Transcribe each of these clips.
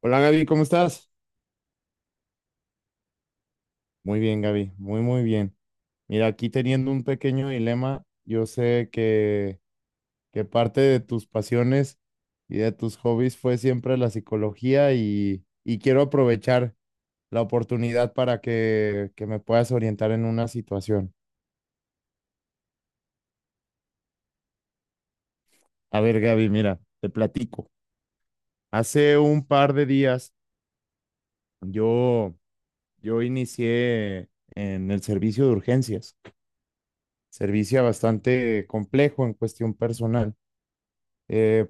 Hola Gaby, ¿cómo estás? Muy bien, Gaby, muy, muy bien. Mira, aquí teniendo un pequeño dilema, yo sé que parte de tus pasiones y de tus hobbies fue siempre la psicología y quiero aprovechar la oportunidad para que me puedas orientar en una situación. A ver, Gaby, mira, te platico. Hace un par de días yo, yo inicié en el servicio de urgencias, servicio bastante complejo en cuestión personal. eh,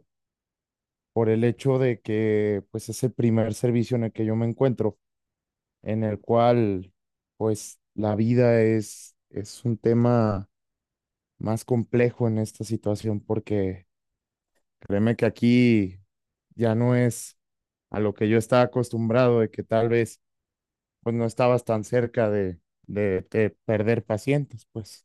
por el hecho de que pues es el primer servicio en el que yo me encuentro, en el cual pues la vida es un tema más complejo en esta situación porque créeme que aquí ya no es a lo que yo estaba acostumbrado de que tal vez pues no estabas tan cerca de perder pacientes, pues.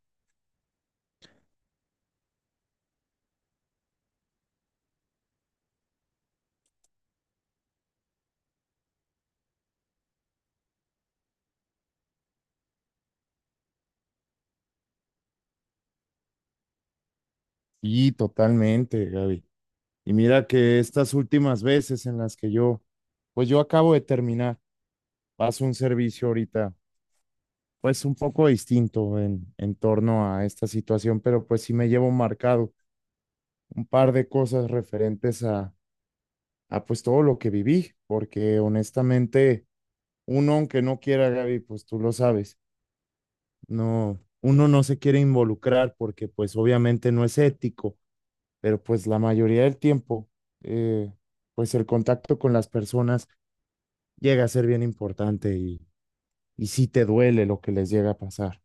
Sí, totalmente, Gaby. Y mira que estas últimas veces en las que yo, pues yo acabo de terminar vas a un servicio ahorita, pues un poco distinto en torno a esta situación, pero pues sí me llevo marcado un par de cosas referentes a pues todo lo que viví, porque honestamente, uno aunque no quiera, Gaby, pues tú lo sabes, no, uno no se quiere involucrar porque pues obviamente no es ético, pero pues la mayoría del tiempo, eh, pues el contacto con las personas llega a ser bien importante y sí te duele lo que les llega a pasar.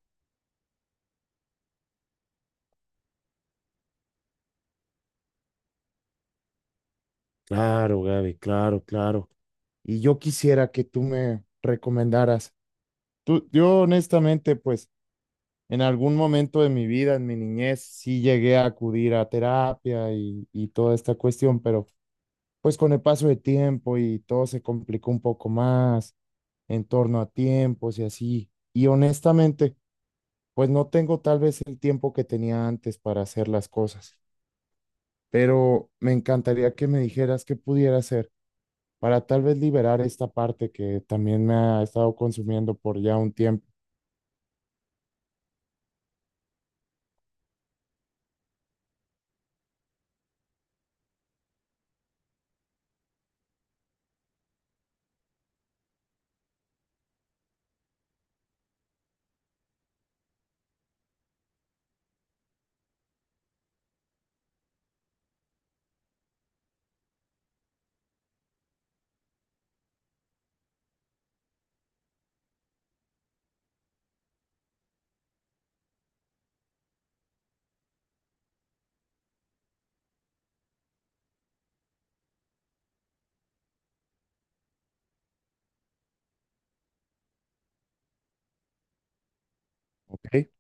Claro, Gaby, claro, claro. Y yo quisiera que tú me recomendaras. Tú, yo honestamente, pues en algún momento de mi vida, en mi niñez, sí llegué a acudir a terapia y toda esta cuestión, pero pues con el paso de tiempo y todo se complicó un poco más en torno a tiempos y así. Y honestamente, pues no tengo tal vez el tiempo que tenía antes para hacer las cosas, pero me encantaría que me dijeras qué pudiera hacer para tal vez liberar esta parte que también me ha estado consumiendo por ya un tiempo. ¿Ok?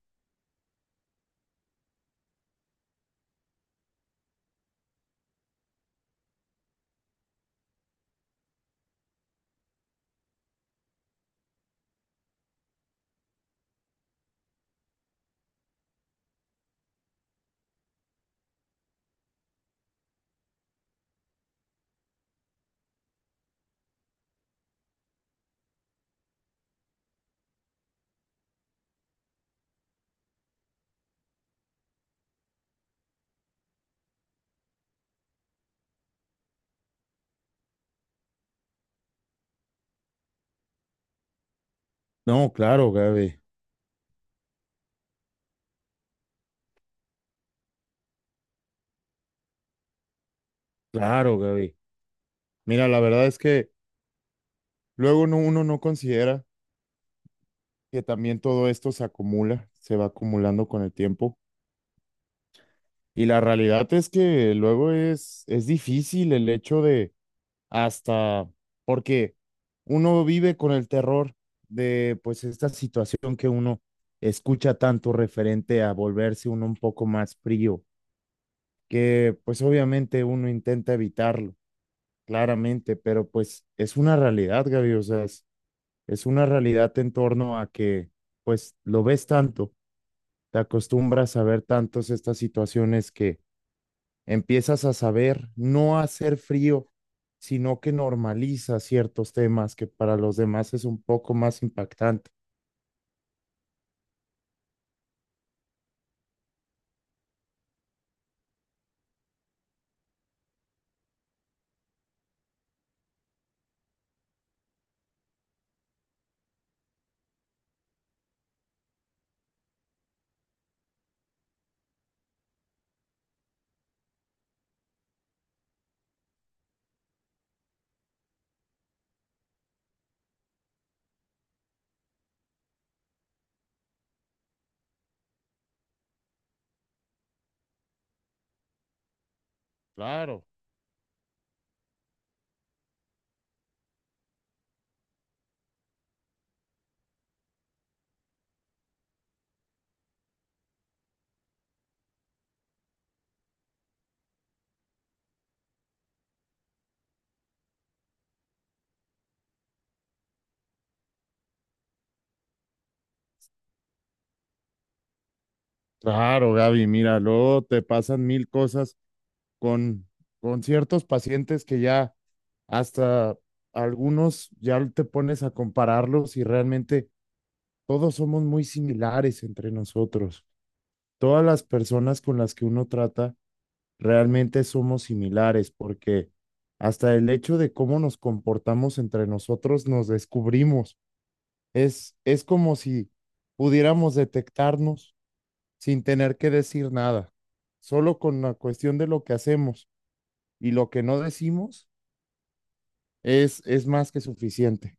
No, claro, Gaby. Claro, Gaby. Mira, la verdad es que luego uno no considera que también todo esto se acumula, se va acumulando con el tiempo. Y la realidad es que luego es difícil el hecho de hasta, porque uno vive con el terror de pues esta situación que uno escucha tanto referente a volverse uno un poco más frío, que pues obviamente uno intenta evitarlo, claramente, pero pues es una realidad, Gaby, o sea, es una realidad en torno a que pues lo ves tanto, te acostumbras a ver tantos estas situaciones que empiezas a saber no a hacer frío, sino que normaliza ciertos temas que para los demás es un poco más impactante. Claro. Claro, Gaby, mira, luego te pasan mil cosas con, con ciertos pacientes que ya hasta algunos ya te pones a compararlos y realmente todos somos muy similares entre nosotros. Todas las personas con las que uno trata realmente somos similares porque hasta el hecho de cómo nos comportamos entre nosotros nos descubrimos. Es como si pudiéramos detectarnos sin tener que decir nada, solo con la cuestión de lo que hacemos y lo que no decimos. Es más que suficiente.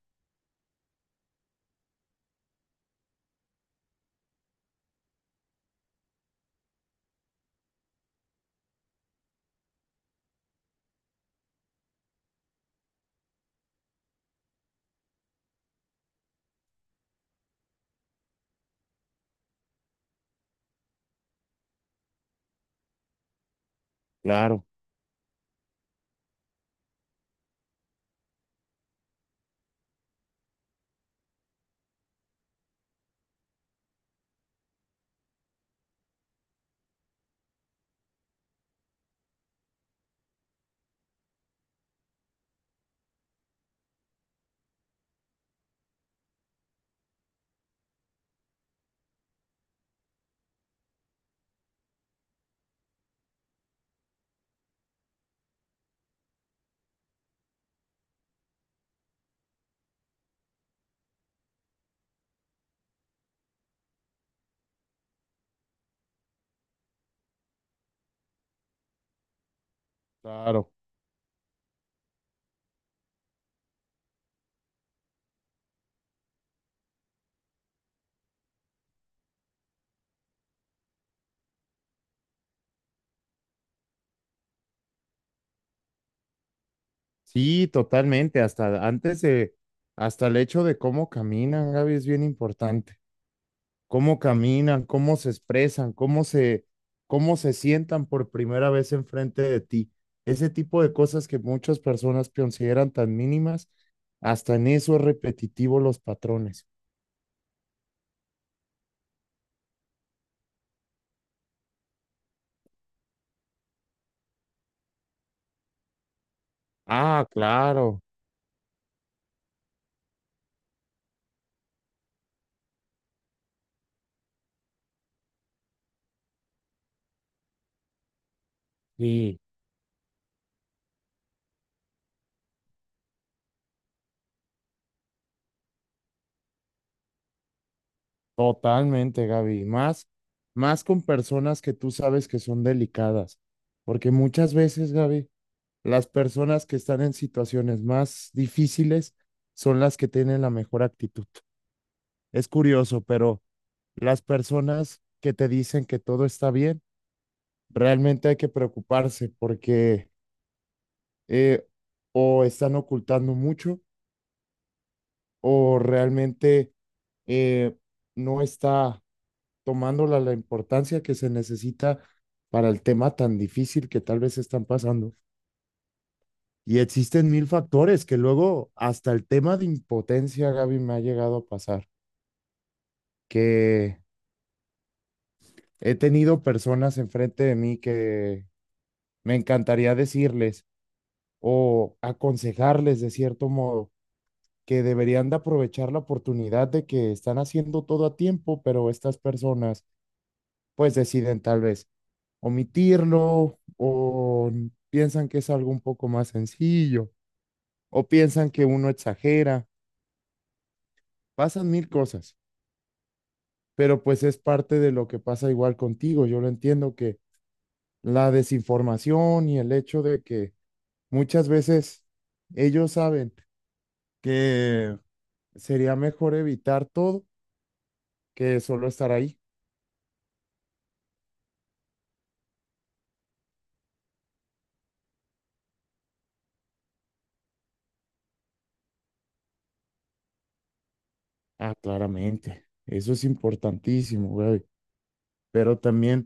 Claro, claro. Sí, totalmente. Hasta el hecho de cómo caminan, Gaby, es bien importante. Cómo caminan, cómo se expresan, cómo se sientan por primera vez enfrente de ti. Ese tipo de cosas que muchas personas consideran tan mínimas, hasta en eso es repetitivo los patrones. Ah, claro. Sí. Totalmente, Gaby. Más, más con personas que tú sabes que son delicadas. Porque muchas veces, Gaby, las personas que están en situaciones más difíciles son las que tienen la mejor actitud. Es curioso, pero las personas que te dicen que todo está bien, realmente hay que preocuparse porque eh, o están ocultando mucho o realmente eh, no está tomándola la importancia que se necesita para el tema tan difícil que tal vez están pasando. Y existen mil factores que luego hasta el tema de impotencia, Gaby, me ha llegado a pasar, que he tenido personas enfrente de mí que me encantaría decirles o aconsejarles de cierto modo que deberían de aprovechar la oportunidad de que están haciendo todo a tiempo, pero estas personas pues deciden tal vez omitirlo o piensan que es algo un poco más sencillo o piensan que uno exagera. Pasan mil cosas, pero pues es parte de lo que pasa igual contigo. Yo lo entiendo, que la desinformación y el hecho de que muchas veces ellos saben que sería mejor evitar todo que solo estar ahí. Ah, claramente. Eso es importantísimo, güey. Pero también,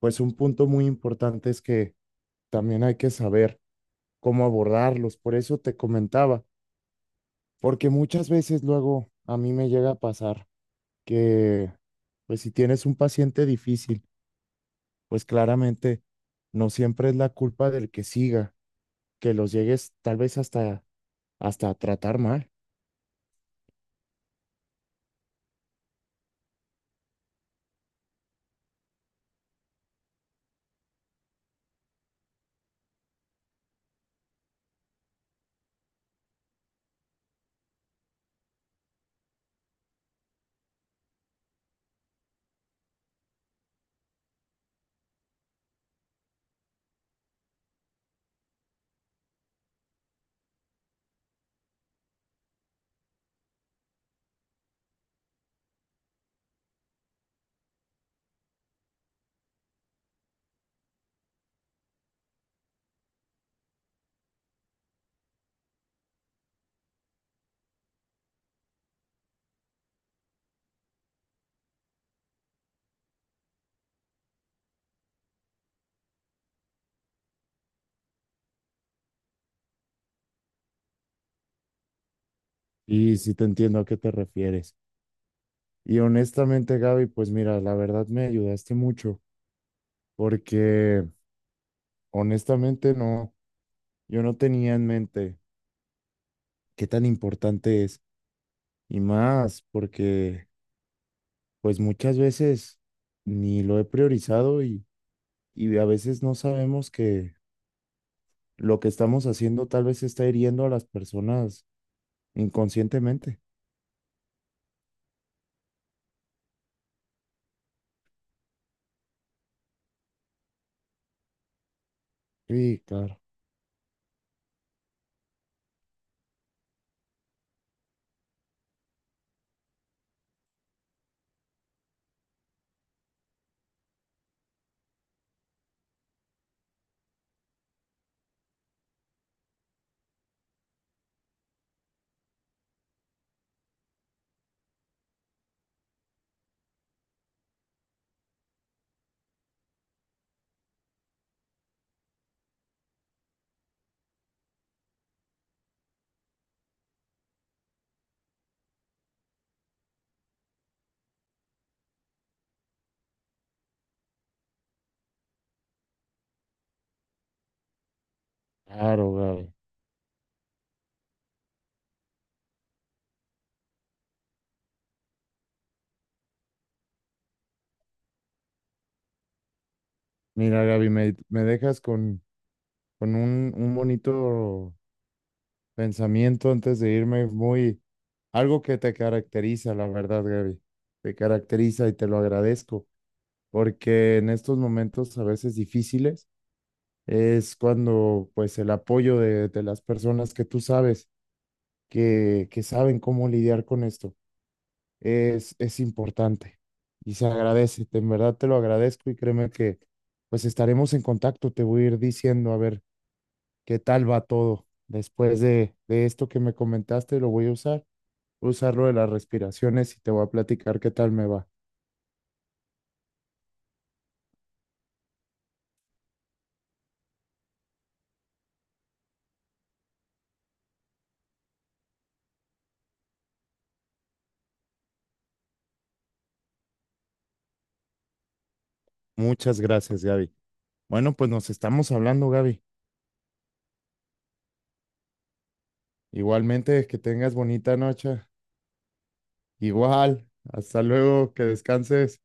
pues un punto muy importante es que también hay que saber cómo abordarlos. Por eso te comentaba, porque muchas veces luego a mí me llega a pasar que, pues si tienes un paciente difícil, pues claramente no siempre es la culpa del que siga, que los llegues tal vez hasta a tratar mal. Y si te entiendo a qué te refieres. Y honestamente, Gaby, pues mira, la verdad me ayudaste mucho, porque honestamente no, yo no tenía en mente qué tan importante es, y más, porque pues muchas veces ni lo he priorizado y a veces no sabemos que lo que estamos haciendo tal vez está hiriendo a las personas inconscientemente. Sí, claro, claro, Gaby. Mira, Gaby, me dejas con un bonito pensamiento antes de irme, muy, algo que te caracteriza, la verdad, Gaby. Te caracteriza y te lo agradezco, porque en estos momentos a veces difíciles, es cuando pues el apoyo de las personas que tú sabes que saben cómo lidiar con esto es importante y se agradece, en verdad te lo agradezco y créeme que pues estaremos en contacto, te voy a ir diciendo a ver qué tal va todo después de esto que me comentaste, lo voy a usar lo de las respiraciones y te voy a platicar qué tal me va. Muchas gracias, Gaby. Bueno, pues nos estamos hablando, Gaby. Igualmente, que tengas bonita noche. Igual, hasta luego, que descanses.